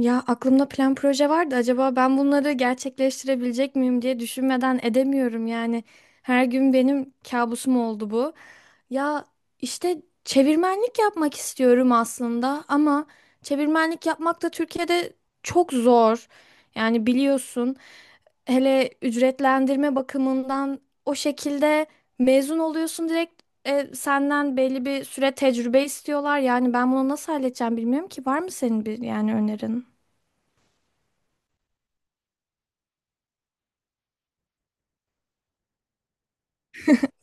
Ya aklımda plan proje vardı. Acaba ben bunları gerçekleştirebilecek miyim diye düşünmeden edemiyorum yani. Her gün benim kabusum oldu bu. Ya işte çevirmenlik yapmak istiyorum aslında ama çevirmenlik yapmak da Türkiye'de çok zor. Yani biliyorsun hele ücretlendirme bakımından o şekilde mezun oluyorsun direkt senden belli bir süre tecrübe istiyorlar. Yani ben bunu nasıl halledeceğim bilmiyorum ki. Var mı senin bir yani önerin?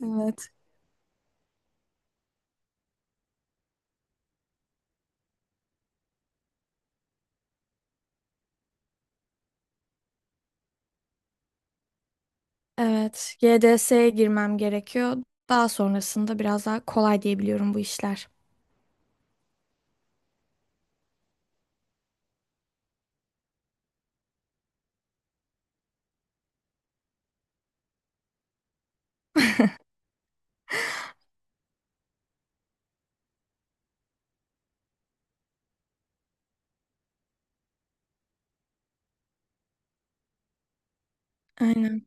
Evet, evet. GDS'ye girmem gerekiyor. Daha sonrasında biraz daha kolay diyebiliyorum bu işler. Aynen.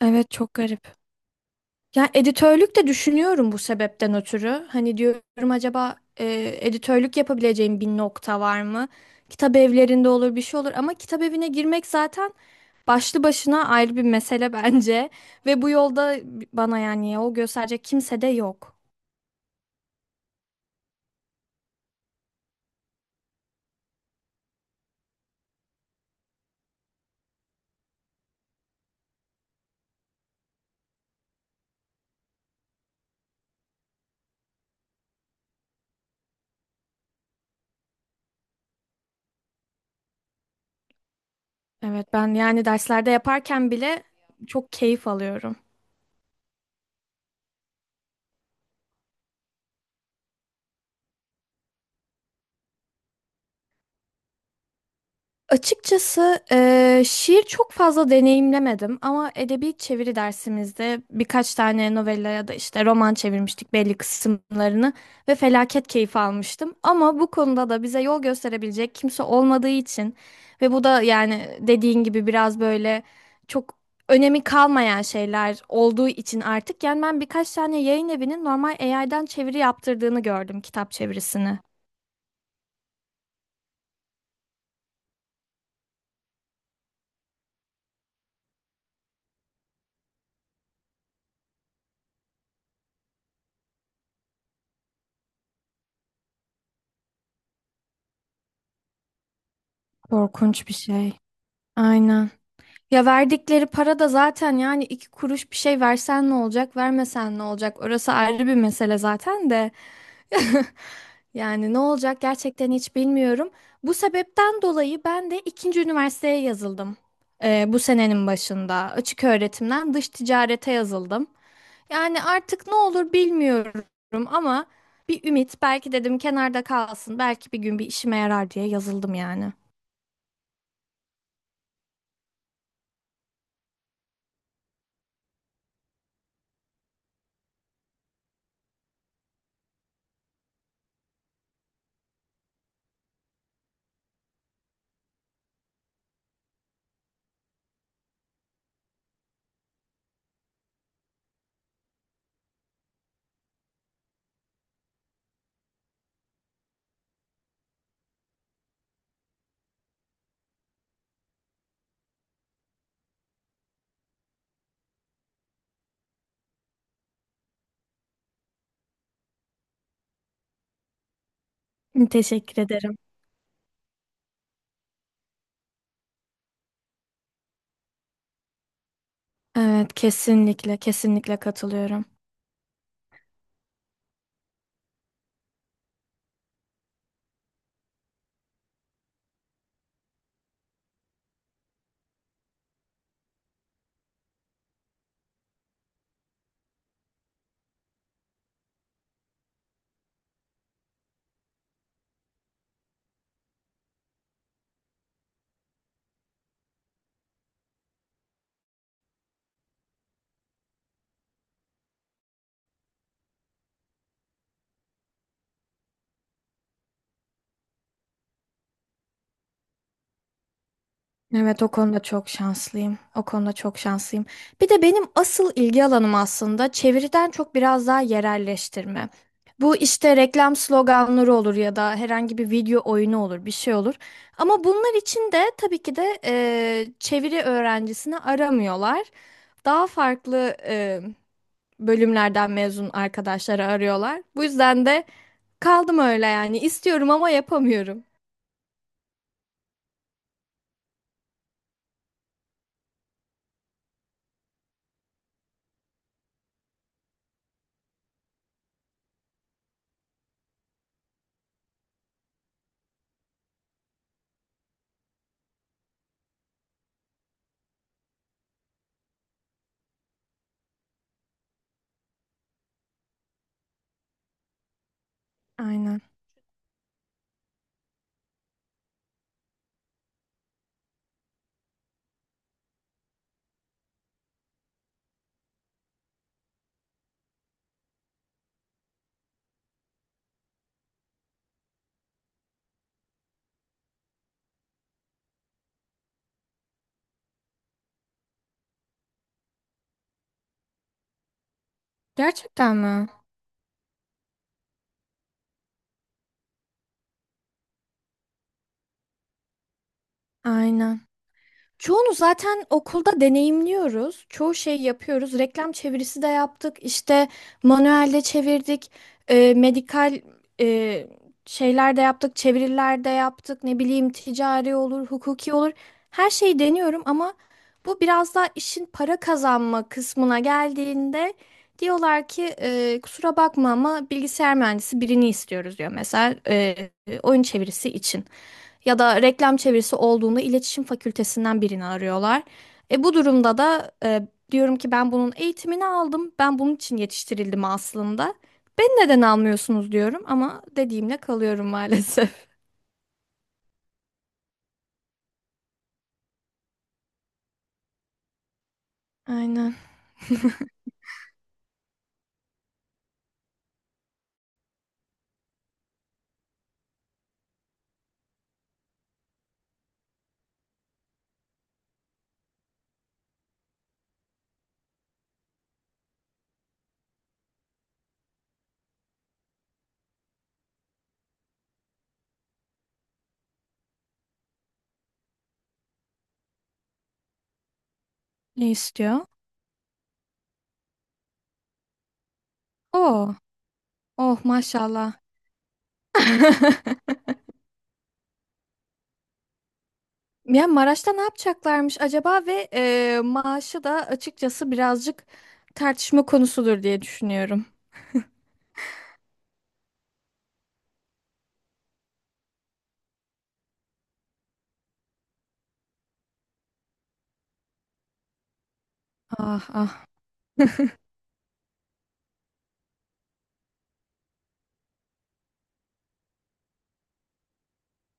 Evet çok garip. Ya editörlük de düşünüyorum bu sebepten ötürü. Hani diyorum acaba editörlük yapabileceğim bir nokta var mı? Kitap evlerinde olur bir şey olur ama kitap evine girmek zaten başlı başına ayrı bir mesele bence. Ve bu yolda bana yani yol gösterecek kimse de yok. Evet ben yani derslerde yaparken bile çok keyif alıyorum. Açıkçası şiir çok fazla deneyimlemedim ama edebi çeviri dersimizde birkaç tane novella ya da işte roman çevirmiştik belli kısımlarını ve felaket keyif almıştım. Ama bu konuda da bize yol gösterebilecek kimse olmadığı için ve bu da yani dediğin gibi biraz böyle çok önemi kalmayan şeyler olduğu için artık yani ben birkaç tane yayın evinin normal AI'den çeviri yaptırdığını gördüm kitap çevirisini. Korkunç bir şey. Aynen. Ya verdikleri para da zaten yani iki kuruş bir şey versen ne olacak, vermesen ne olacak? Orası ayrı bir mesele zaten de. Yani ne olacak gerçekten hiç bilmiyorum. Bu sebepten dolayı ben de ikinci üniversiteye yazıldım. Bu senenin başında açık öğretimden dış ticarete yazıldım. Yani artık ne olur bilmiyorum ama bir ümit belki dedim kenarda kalsın belki bir gün bir işime yarar diye yazıldım yani. Teşekkür ederim. Evet, kesinlikle, kesinlikle katılıyorum. Evet, o konuda çok şanslıyım. O konuda çok şanslıyım. Bir de benim asıl ilgi alanım aslında çeviriden çok biraz daha yerelleştirme. Bu işte reklam sloganları olur ya da herhangi bir video oyunu olur, bir şey olur. Ama bunlar için de tabii ki de çeviri öğrencisini aramıyorlar. Daha farklı bölümlerden mezun arkadaşları arıyorlar. Bu yüzden de kaldım öyle yani. İstiyorum ama yapamıyorum. Aynen. Gerçekten mi? Aynen. Çoğunu zaten okulda deneyimliyoruz. Çoğu şey yapıyoruz. Reklam çevirisi de yaptık. İşte manuelde çevirdik. Medikal e, şeyler de yaptık. Çeviriler de yaptık. Ne bileyim ticari olur, hukuki olur. Her şeyi deniyorum ama bu biraz daha işin para kazanma kısmına geldiğinde diyorlar ki kusura bakma ama bilgisayar mühendisi birini istiyoruz diyor mesela oyun çevirisi için. Ya da reklam çevirisi olduğunda iletişim fakültesinden birini arıyorlar. Bu durumda da diyorum ki ben bunun eğitimini aldım. Ben bunun için yetiştirildim aslında. Beni neden almıyorsunuz diyorum ama dediğimle kalıyorum maalesef. Aynen. Ne istiyor? Oo. Oh maşallah. Ya Maraş'ta ne yapacaklarmış acaba ve maaşı da açıkçası birazcık tartışma konusudur diye düşünüyorum. Ah ah.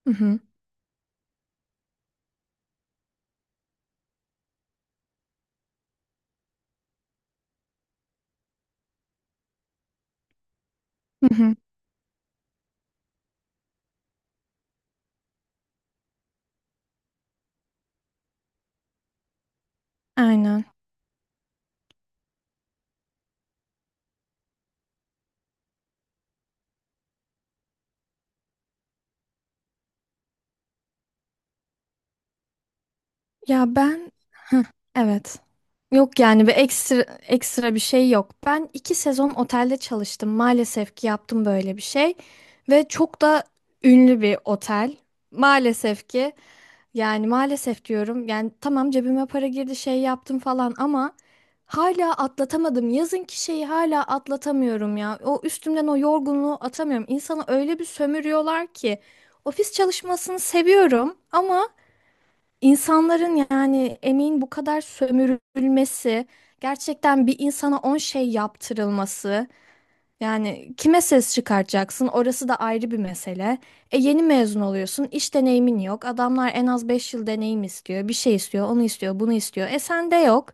Hı hı. Hı hı. Aynen. Ya ben evet. Yok yani bir ekstra ekstra bir şey yok. Ben 2 sezon otelde çalıştım. Maalesef ki yaptım böyle bir şey. Ve çok da ünlü bir otel. Maalesef ki yani maalesef diyorum. Yani tamam cebime para girdi şey yaptım falan ama hala atlatamadım. Yazınki şeyi hala atlatamıyorum ya. O üstümden o yorgunluğu atamıyorum. İnsanı öyle bir sömürüyorlar ki. Ofis çalışmasını seviyorum ama İnsanların yani emeğin bu kadar sömürülmesi, gerçekten bir insana 10 şey yaptırılması, yani kime ses çıkartacaksın orası da ayrı bir mesele. Yeni mezun oluyorsun, iş deneyimin yok. Adamlar en az 5 yıl deneyim istiyor, bir şey istiyor, onu istiyor, bunu istiyor. Sende yok.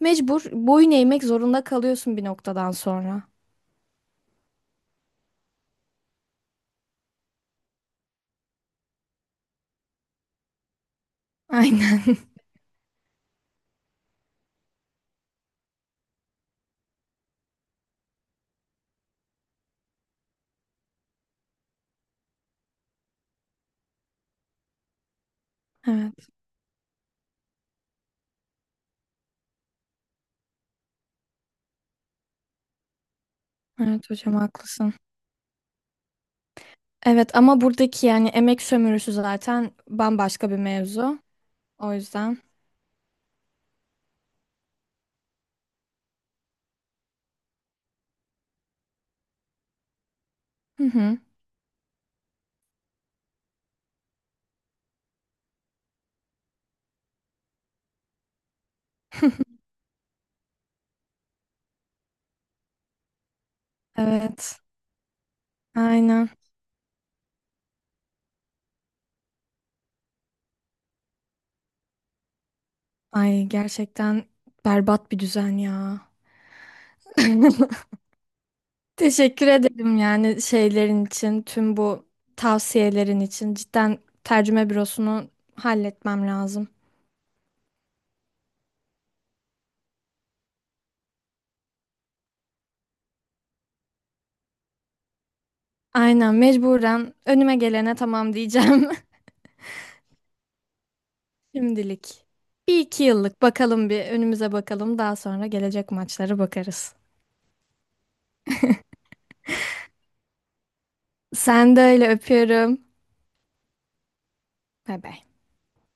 Mecbur boyun eğmek zorunda kalıyorsun bir noktadan sonra. Aynen. Evet, evet hocam haklısın. Evet ama buradaki yani emek sömürüsü zaten bambaşka bir mevzu. O yüzden. Hı hı. Evet, aynen. Ay gerçekten berbat bir düzen ya. Teşekkür ederim yani şeylerin için, tüm bu tavsiyelerin için. Cidden tercüme bürosunu halletmem lazım. Aynen mecburen önüme gelene tamam diyeceğim. Şimdilik. Bir iki yıllık bakalım bir önümüze bakalım. Daha sonra gelecek maçlara bakarız. Sen de öyle öpüyorum. Bay bay.